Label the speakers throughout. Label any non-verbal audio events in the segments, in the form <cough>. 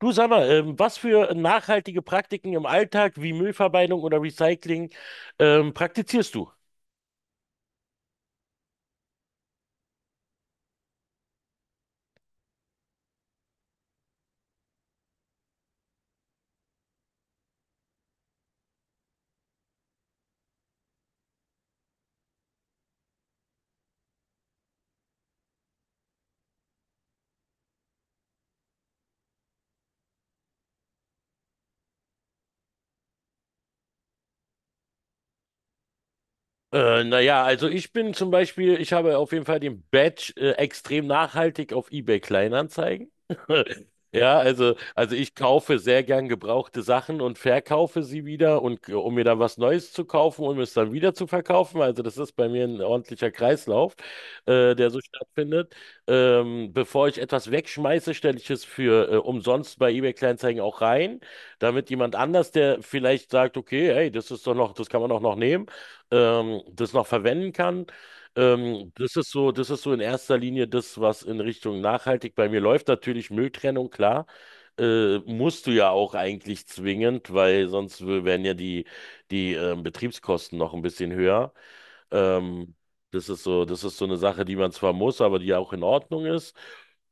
Speaker 1: Du, sag mal, was für nachhaltige Praktiken im Alltag wie Müllvermeidung oder Recycling praktizierst du? Naja, also ich bin zum Beispiel, ich habe auf jeden Fall den Badge extrem nachhaltig auf eBay Kleinanzeigen. <laughs> Ja, also ich kaufe sehr gern gebrauchte Sachen und verkaufe sie wieder und um mir dann was Neues zu kaufen und es dann wieder zu verkaufen. Also das ist bei mir ein ordentlicher Kreislauf, der so stattfindet. Bevor ich etwas wegschmeiße, stelle ich es für umsonst bei eBay Kleinanzeigen auch rein, damit jemand anders, der vielleicht sagt, okay, hey, das ist doch noch, das kann man doch noch nehmen, das noch verwenden kann. Das ist so in erster Linie das, was in Richtung nachhaltig bei mir läuft. Natürlich Mülltrennung, klar. Musst du ja auch eigentlich zwingend, weil sonst wären ja die Betriebskosten noch ein bisschen höher. Ähm, das ist so eine Sache, die man zwar muss, aber die auch in Ordnung ist.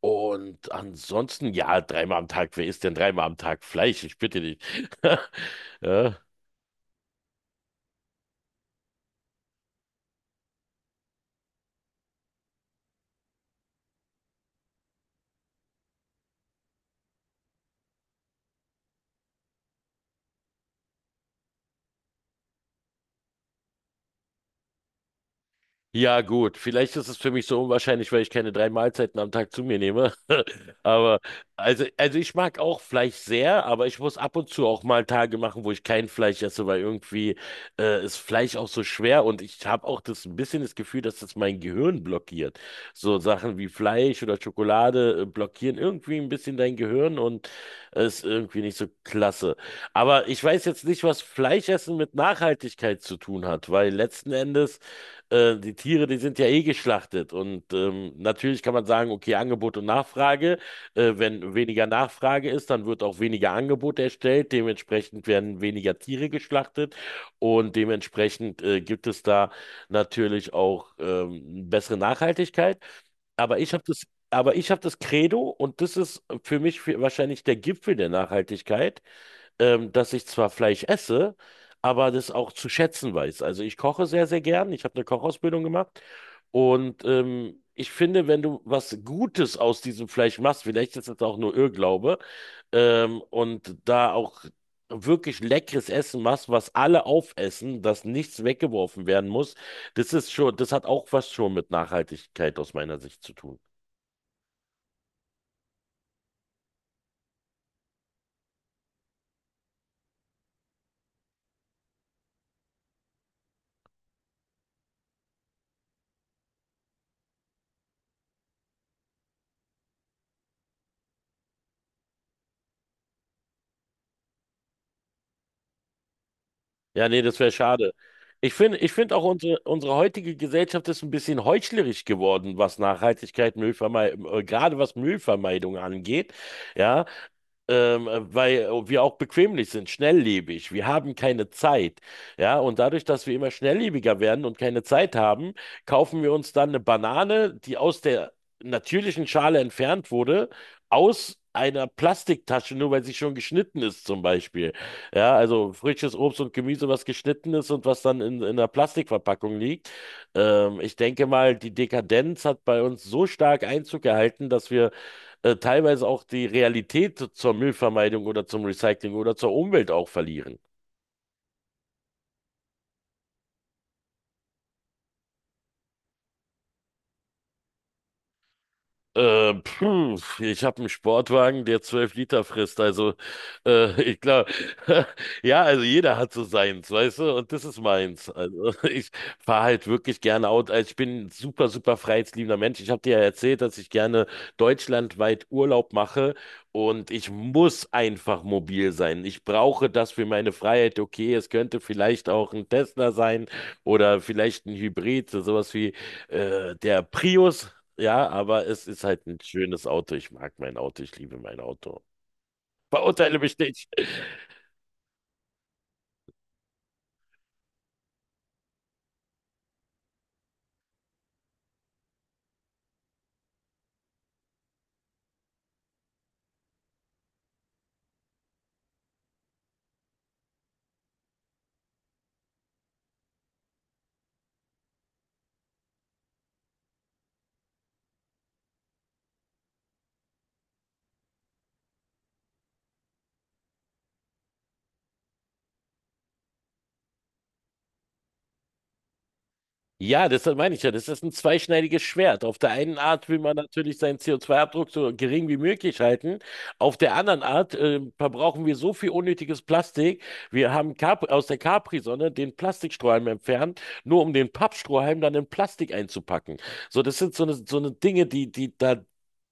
Speaker 1: Und ansonsten, ja, dreimal am Tag, wer isst denn dreimal am Tag Fleisch? Ich bitte dich. <laughs> Ja. Ja, gut. Vielleicht ist es für mich so unwahrscheinlich, weil ich keine drei Mahlzeiten am Tag zu mir nehme. <laughs> Aber, also ich mag auch Fleisch sehr, aber ich muss ab und zu auch mal Tage machen, wo ich kein Fleisch esse, weil irgendwie ist Fleisch auch so schwer und ich habe auch das, ein bisschen das Gefühl, dass das mein Gehirn blockiert. So Sachen wie Fleisch oder Schokolade blockieren irgendwie ein bisschen dein Gehirn und es ist irgendwie nicht so klasse. Aber ich weiß jetzt nicht, was Fleischessen mit Nachhaltigkeit zu tun hat, weil letzten Endes die Tiere, die sind ja eh geschlachtet. Und natürlich kann man sagen, okay, Angebot und Nachfrage. Wenn weniger Nachfrage ist, dann wird auch weniger Angebot erstellt. Dementsprechend werden weniger Tiere geschlachtet. Und dementsprechend gibt es da natürlich auch bessere Nachhaltigkeit. Aber ich habe das, aber ich habe das Credo, und das ist für mich, für wahrscheinlich der Gipfel der Nachhaltigkeit, dass ich zwar Fleisch esse, aber das auch zu schätzen weiß. Also ich koche sehr, sehr gern. Ich habe eine Kochausbildung gemacht. Und ich finde, wenn du was Gutes aus diesem Fleisch machst, vielleicht ist das auch nur Irrglaube, und da auch wirklich leckeres Essen machst, was alle aufessen, dass nichts weggeworfen werden muss, das hat auch was schon mit Nachhaltigkeit aus meiner Sicht zu tun. Ja, nee, das wäre schade. Ich finde auch unsere heutige Gesellschaft ist ein bisschen heuchlerisch geworden, was Nachhaltigkeit, Müllvermeidung, gerade was Müllvermeidung angeht. Ja, weil wir auch bequemlich sind, schnelllebig. Wir haben keine Zeit. Ja, und dadurch, dass wir immer schnelllebiger werden und keine Zeit haben, kaufen wir uns dann eine Banane, die aus der natürlichen Schale entfernt wurde, aus einer Plastiktasche, nur weil sie schon geschnitten ist, zum Beispiel. Ja, also frisches Obst und Gemüse, was geschnitten ist und was dann in einer Plastikverpackung liegt. Ich denke mal, die Dekadenz hat bei uns so stark Einzug gehalten, dass wir teilweise auch die Realität zur Müllvermeidung oder zum Recycling oder zur Umwelt auch verlieren. Puh, ich habe einen Sportwagen, der 12 Liter frisst. Also ich glaube, <laughs> ja, also jeder hat so seins, weißt du, und das ist meins. Also <laughs> ich fahre halt wirklich gerne Auto. Also ich bin ein super, super freiheitsliebender Mensch. Ich habe dir ja erzählt, dass ich gerne deutschlandweit Urlaub mache und ich muss einfach mobil sein. Ich brauche das für meine Freiheit. Okay, es könnte vielleicht auch ein Tesla sein oder vielleicht ein Hybrid, so sowas wie der Prius. Ja, aber es ist halt ein schönes Auto. Ich mag mein Auto, ich liebe mein Auto. Verurteile mich nicht. Ja, das meine ich ja. Das ist ein zweischneidiges Schwert. Auf der einen Art will man natürlich seinen CO2-Abdruck so gering wie möglich halten. Auf der anderen Art verbrauchen wir so viel unnötiges Plastik. Wir haben Cap aus der Capri-Sonne den Plastikstrohhalm entfernt, nur um den Pappstrohhalm dann in Plastik einzupacken. So, das sind so eine Dinge, die da,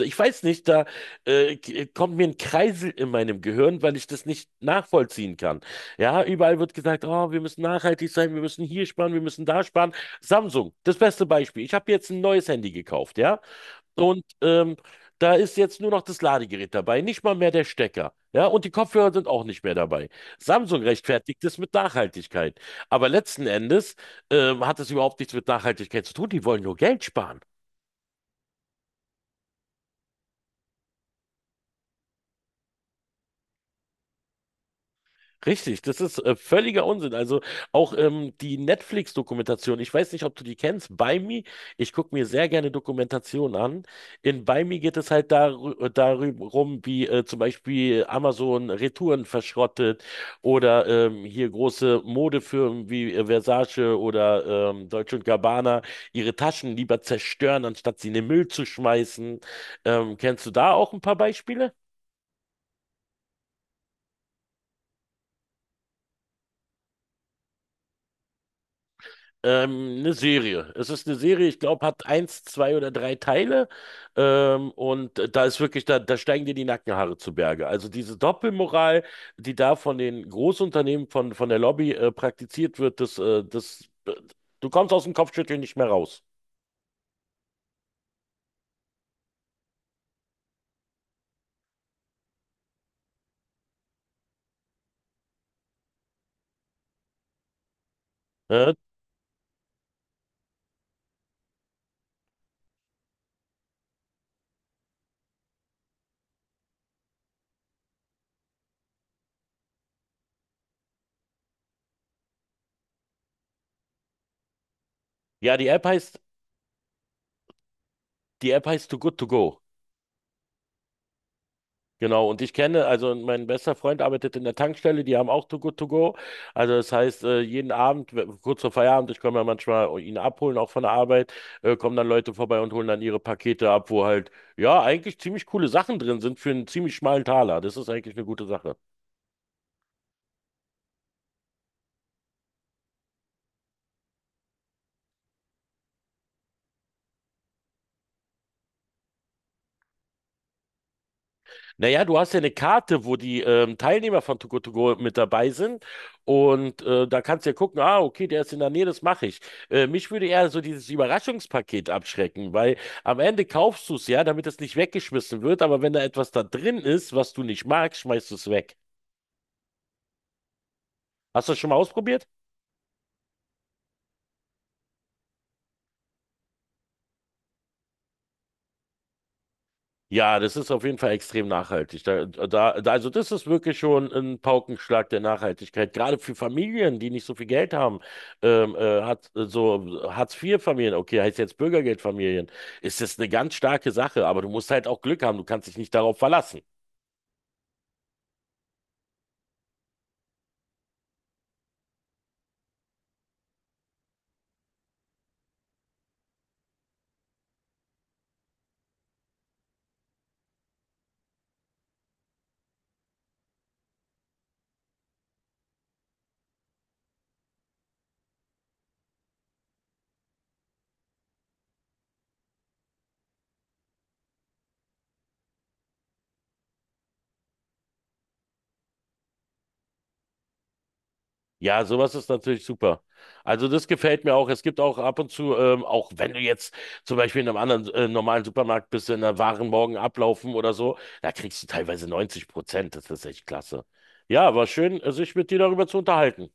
Speaker 1: ich weiß nicht, da kommt mir ein Kreisel in meinem Gehirn, weil ich das nicht nachvollziehen kann. Ja, überall wird gesagt, oh, wir müssen nachhaltig sein, wir müssen hier sparen, wir müssen da sparen. Samsung, das beste Beispiel. Ich habe jetzt ein neues Handy gekauft, ja. Und da ist jetzt nur noch das Ladegerät dabei, nicht mal mehr der Stecker. Ja, und die Kopfhörer sind auch nicht mehr dabei. Samsung rechtfertigt es mit Nachhaltigkeit. Aber letzten Endes hat es überhaupt nichts mit Nachhaltigkeit zu tun. Die wollen nur Geld sparen. Richtig, das ist völliger Unsinn. Also auch die Netflix-Dokumentation, ich weiß nicht, ob du die kennst, By Me, ich gucke mir sehr gerne Dokumentationen an. In By Me geht es halt darum, wie zum Beispiel Amazon Retouren verschrottet oder hier große Modefirmen wie Versace oder Deutsche und Gabbana ihre Taschen lieber zerstören, anstatt sie in den Müll zu schmeißen. Kennst du da auch ein paar Beispiele? Eine Serie. Es ist eine Serie, ich glaube, hat eins, zwei oder drei Teile. Und da ist wirklich, da steigen dir die Nackenhaare zu Berge. Also diese Doppelmoral, die da von den Großunternehmen, von der Lobby praktiziert wird, du kommst aus dem Kopfschütteln nicht mehr raus. Äh? Ja, die App heißt, die App heißt Too Good To Go. Genau, und ich kenne, also mein bester Freund arbeitet in der Tankstelle, die haben auch Too Good To Go. Also das heißt, jeden Abend, kurz vor Feierabend, ich komme ja manchmal ihn abholen, auch von der Arbeit, kommen dann Leute vorbei und holen dann ihre Pakete ab, wo halt, ja, eigentlich ziemlich coole Sachen drin sind für einen ziemlich schmalen Taler. Das ist eigentlich eine gute Sache. Naja, du hast ja eine Karte, wo die Teilnehmer von Too Good To Go mit dabei sind. Und da kannst du ja gucken, ah, okay, der ist in der Nähe, das mache ich. Mich würde eher so dieses Überraschungspaket abschrecken, weil am Ende kaufst du es ja, damit es nicht weggeschmissen wird. Aber wenn da etwas da drin ist, was du nicht magst, schmeißt du es weg. Hast du das schon mal ausprobiert? Ja, das ist auf jeden Fall extrem nachhaltig. Da, da, da, also das ist wirklich schon ein Paukenschlag der Nachhaltigkeit. Gerade für Familien, die nicht so viel Geld haben, hat so Hartz-IV-Familien, okay, heißt jetzt Bürgergeldfamilien, ist das eine ganz starke Sache. Aber du musst halt auch Glück haben. Du kannst dich nicht darauf verlassen. Ja, sowas ist natürlich super. Also das gefällt mir auch. Es gibt auch ab und zu, auch wenn du jetzt zum Beispiel in einem anderen normalen Supermarkt bist, in der Waren morgen ablaufen oder so, da kriegst du teilweise 90%. Das ist echt klasse. Ja, war schön, sich mit dir darüber zu unterhalten.